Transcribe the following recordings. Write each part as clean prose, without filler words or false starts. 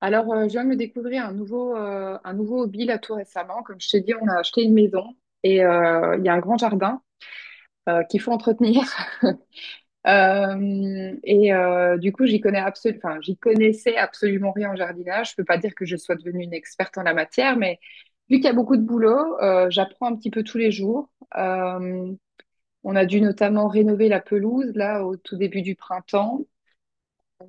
Alors, je viens de me découvrir un nouveau hobby là tout récemment. Comme je t'ai dit, on a acheté une maison et il y a un grand jardin qu'il faut entretenir. Et du coup, j'y connais enfin, j'y connaissais absolument rien en jardinage. Je peux pas dire que je sois devenue une experte en la matière, mais vu qu'il y a beaucoup de boulot, j'apprends un petit peu tous les jours. Euh, on a dû notamment rénover la pelouse là au tout début du printemps.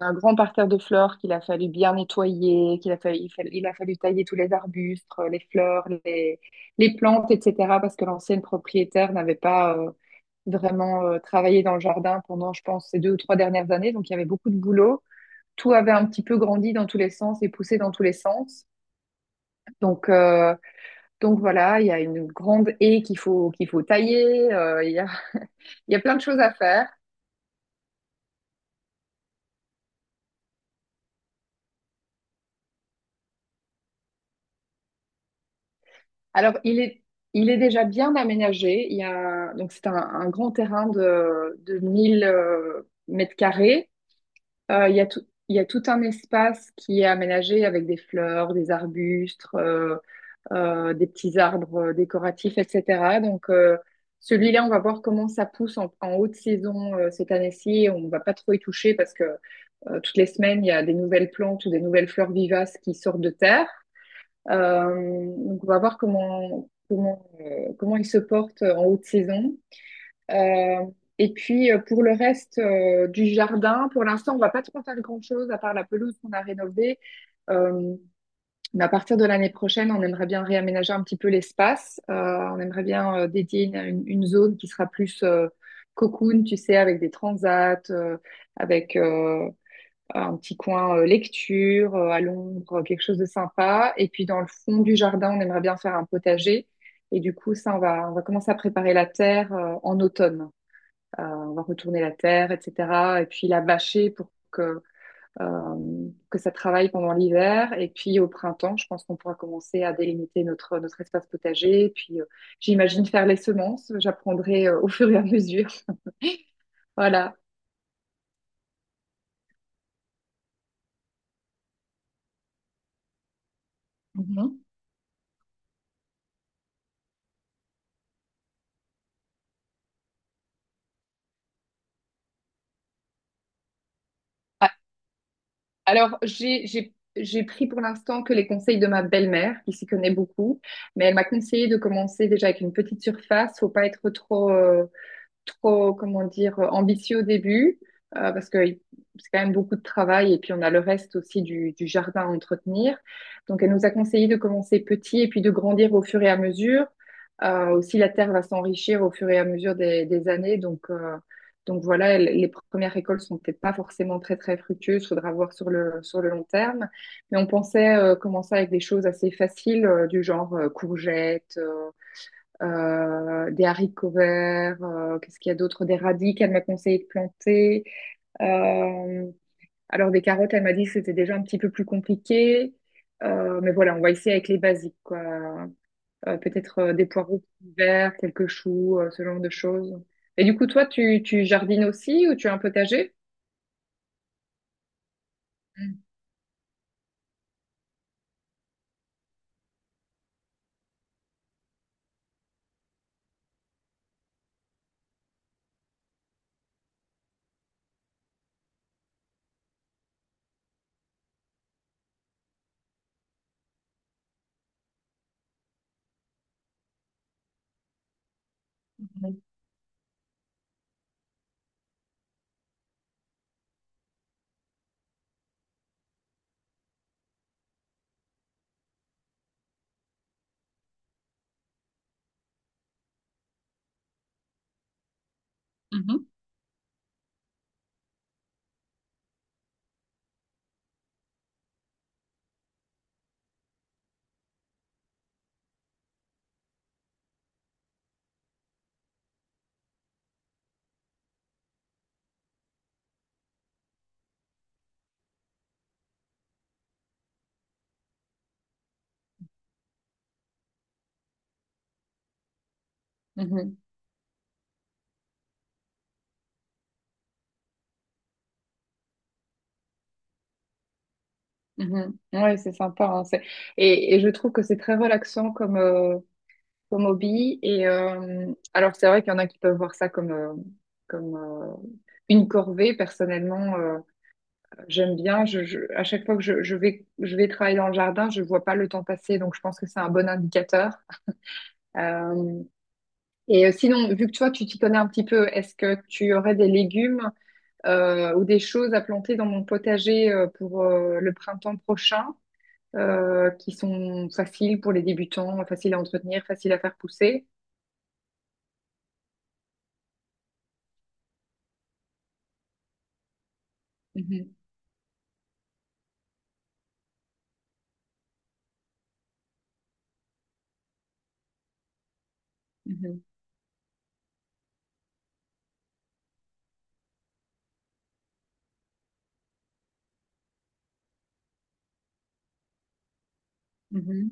Un grand parterre de fleurs qu'il a fallu bien nettoyer, qu'il a fallu, il, fa- il a fallu tailler tous les arbustes, les fleurs, les plantes, etc. Parce que l'ancienne propriétaire n'avait pas vraiment travaillé dans le jardin pendant, je pense, ces 2 ou 3 dernières années. Donc il y avait beaucoup de boulot. Tout avait un petit peu grandi dans tous les sens et poussé dans tous les sens. Donc, euh, donc voilà, il y a une grande haie qu'il faut tailler. Il y a plein de choses à faire. Alors, il est déjà bien aménagé. Il y a, donc, c'est un grand terrain de 1 000 mètres carrés. Il y a tout, il y a tout un espace qui est aménagé avec des fleurs, des arbustes, des petits arbres décoratifs, etc. Donc, celui-là, on va voir comment ça pousse en haute saison cette année-ci. On va pas trop y toucher parce que toutes les semaines, il y a des nouvelles plantes ou des nouvelles fleurs vivaces qui sortent de terre. Donc on va voir comment il se porte en haute saison. Euh, et puis pour le reste du jardin, pour l'instant, on va pas trop faire grand-chose à part la pelouse qu'on a rénovée. Euh, mais à partir de l'année prochaine, on aimerait bien réaménager un petit peu l'espace. On aimerait bien dédier une zone qui sera plus cocoon, tu sais, avec des transats, avec, un petit coin lecture, à l'ombre, quelque chose de sympa. Et puis dans le fond du jardin, on aimerait bien faire un potager. Et du coup, ça, on va commencer à préparer la terre en automne. On va retourner la terre, etc. Et puis la bâcher pour que ça travaille pendant l'hiver. Et puis au printemps, je pense qu'on pourra commencer à délimiter notre espace potager. Et puis j'imagine faire les semences. J'apprendrai au fur et à mesure. Voilà. Mhm. Alors, j'ai pris pour l'instant que les conseils de ma belle-mère, qui s'y connaît beaucoup, mais elle m'a conseillé de commencer déjà avec une petite surface. Faut pas être trop, comment dire, ambitieux au début, parce que c'est quand même beaucoup de travail, et puis on a le reste aussi du jardin à entretenir. Donc elle nous a conseillé de commencer petit et puis de grandir au fur et à mesure. Aussi, la terre va s'enrichir au fur et à mesure des années, donc voilà, les premières récoltes sont peut-être pas forcément très très fructueuses, faudra voir sur le long terme. Mais on pensait commencer avec des choses assez faciles du genre courgettes, des haricots verts, qu'est-ce qu'il y a d'autre, des radis qu'elle m'a conseillé de planter. Euh, alors des carottes, elle m'a dit que c'était déjà un petit peu plus compliqué. Mais voilà, on va essayer avec les basiques, quoi. Peut-être des poireaux verts, quelques choux, ce genre de choses. Et du coup, toi, tu jardines aussi ou tu as un potager? Mhm, mhm, mhm, mhm. Ouais, c'est sympa, hein. Et je trouve que c'est très relaxant comme hobby. Et alors, c'est vrai qu'il y en a qui peuvent voir ça comme une corvée. Personnellement, j'aime bien, à chaque fois que je vais travailler dans le jardin, je vois pas le temps passer. Donc, je pense que c'est un bon indicateur. Euh, et sinon, vu que toi, tu t'y connais un petit peu, est-ce que tu aurais des légumes ou des choses à planter dans mon potager pour le printemps prochain, qui sont faciles pour les débutants, faciles à entretenir, faciles à faire pousser? Mhm, mhm, mhm,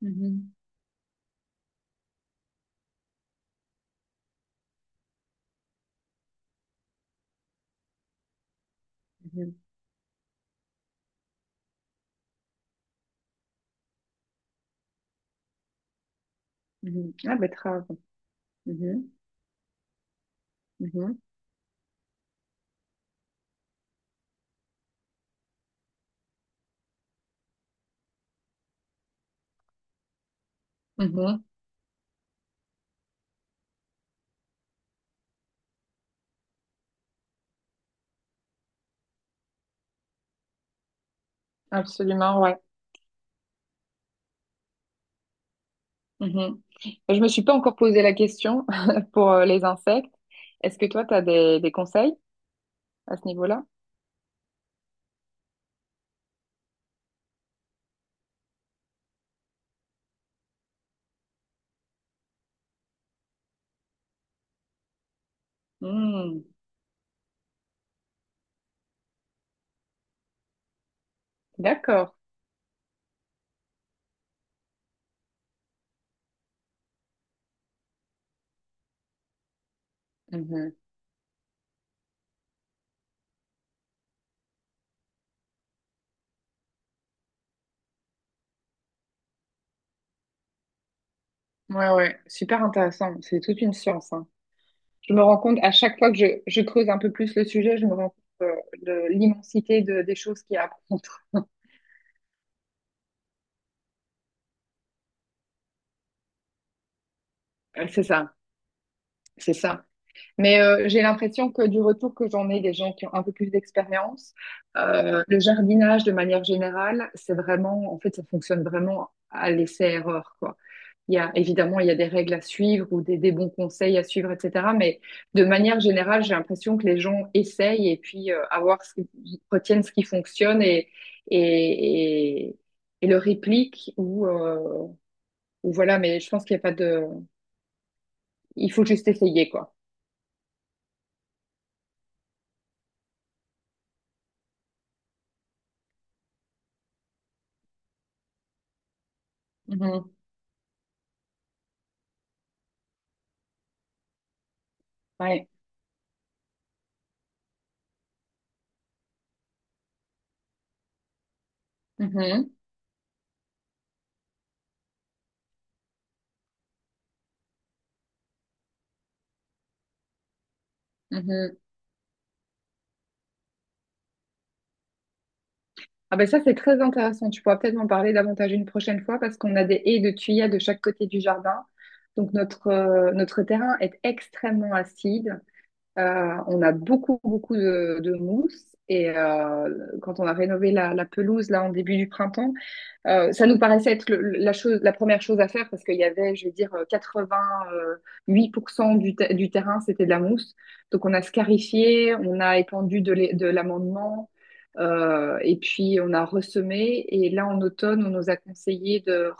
mhm, mhm, mhm. La betterave. Mhm, mhm, mhm. Absolument, ouais. Mhm. Je me suis pas encore posé la question pour les insectes. Est-ce que toi, tu as des conseils à ce niveau-là? Hmm, d'accord. Mhm. Ouais, ouais, super intéressant. C'est toute une science, hein. Je me rends compte, à chaque fois que je creuse un peu plus le sujet, je me rends compte de l'immensité des choses qu'il y a à apprendre. C'est ça, c'est ça. Mais j'ai l'impression que du retour que j'en ai des gens qui ont un peu plus d'expérience, le jardinage de manière générale, c'est vraiment, en fait, ça fonctionne vraiment à l'essai-erreur, quoi. Il y a, évidemment, il y a des règles à suivre ou des bons conseils à suivre, etc. Mais de manière générale, j'ai l'impression que les gens essayent et puis à voir ils retiennent ce qui fonctionne et, et, et le répliquent, ou voilà. Mais je pense qu'il n'y a pas de, il faut juste essayer, quoi. Mhm. Ouais. Mhm. Mhm. Ah ben ça, c'est très intéressant. Tu pourras peut-être m'en parler davantage une prochaine fois parce qu'on a des haies de tuyas de chaque côté du jardin. Donc notre terrain est extrêmement acide. On a beaucoup, beaucoup de mousse. Et quand on a rénové la pelouse là en début du printemps, ça nous paraissait être la première chose à faire parce qu'il y avait, je vais dire, 88% du terrain, c'était de la mousse. Donc on a scarifié, on a étendu de l'amendement, et puis on a ressemé. Et là, en automne, on nous a conseillé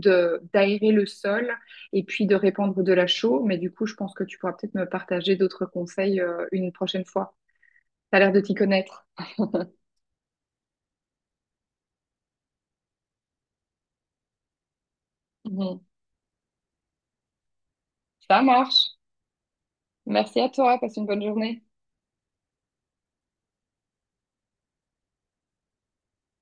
d'aérer le sol et puis de répandre de la chaux. Mais du coup, je pense que tu pourras peut-être me partager d'autres conseils, une prochaine fois. T'as l'air de t'y connaître. Mhm. Ça marche. Merci à toi. Passe une bonne journée.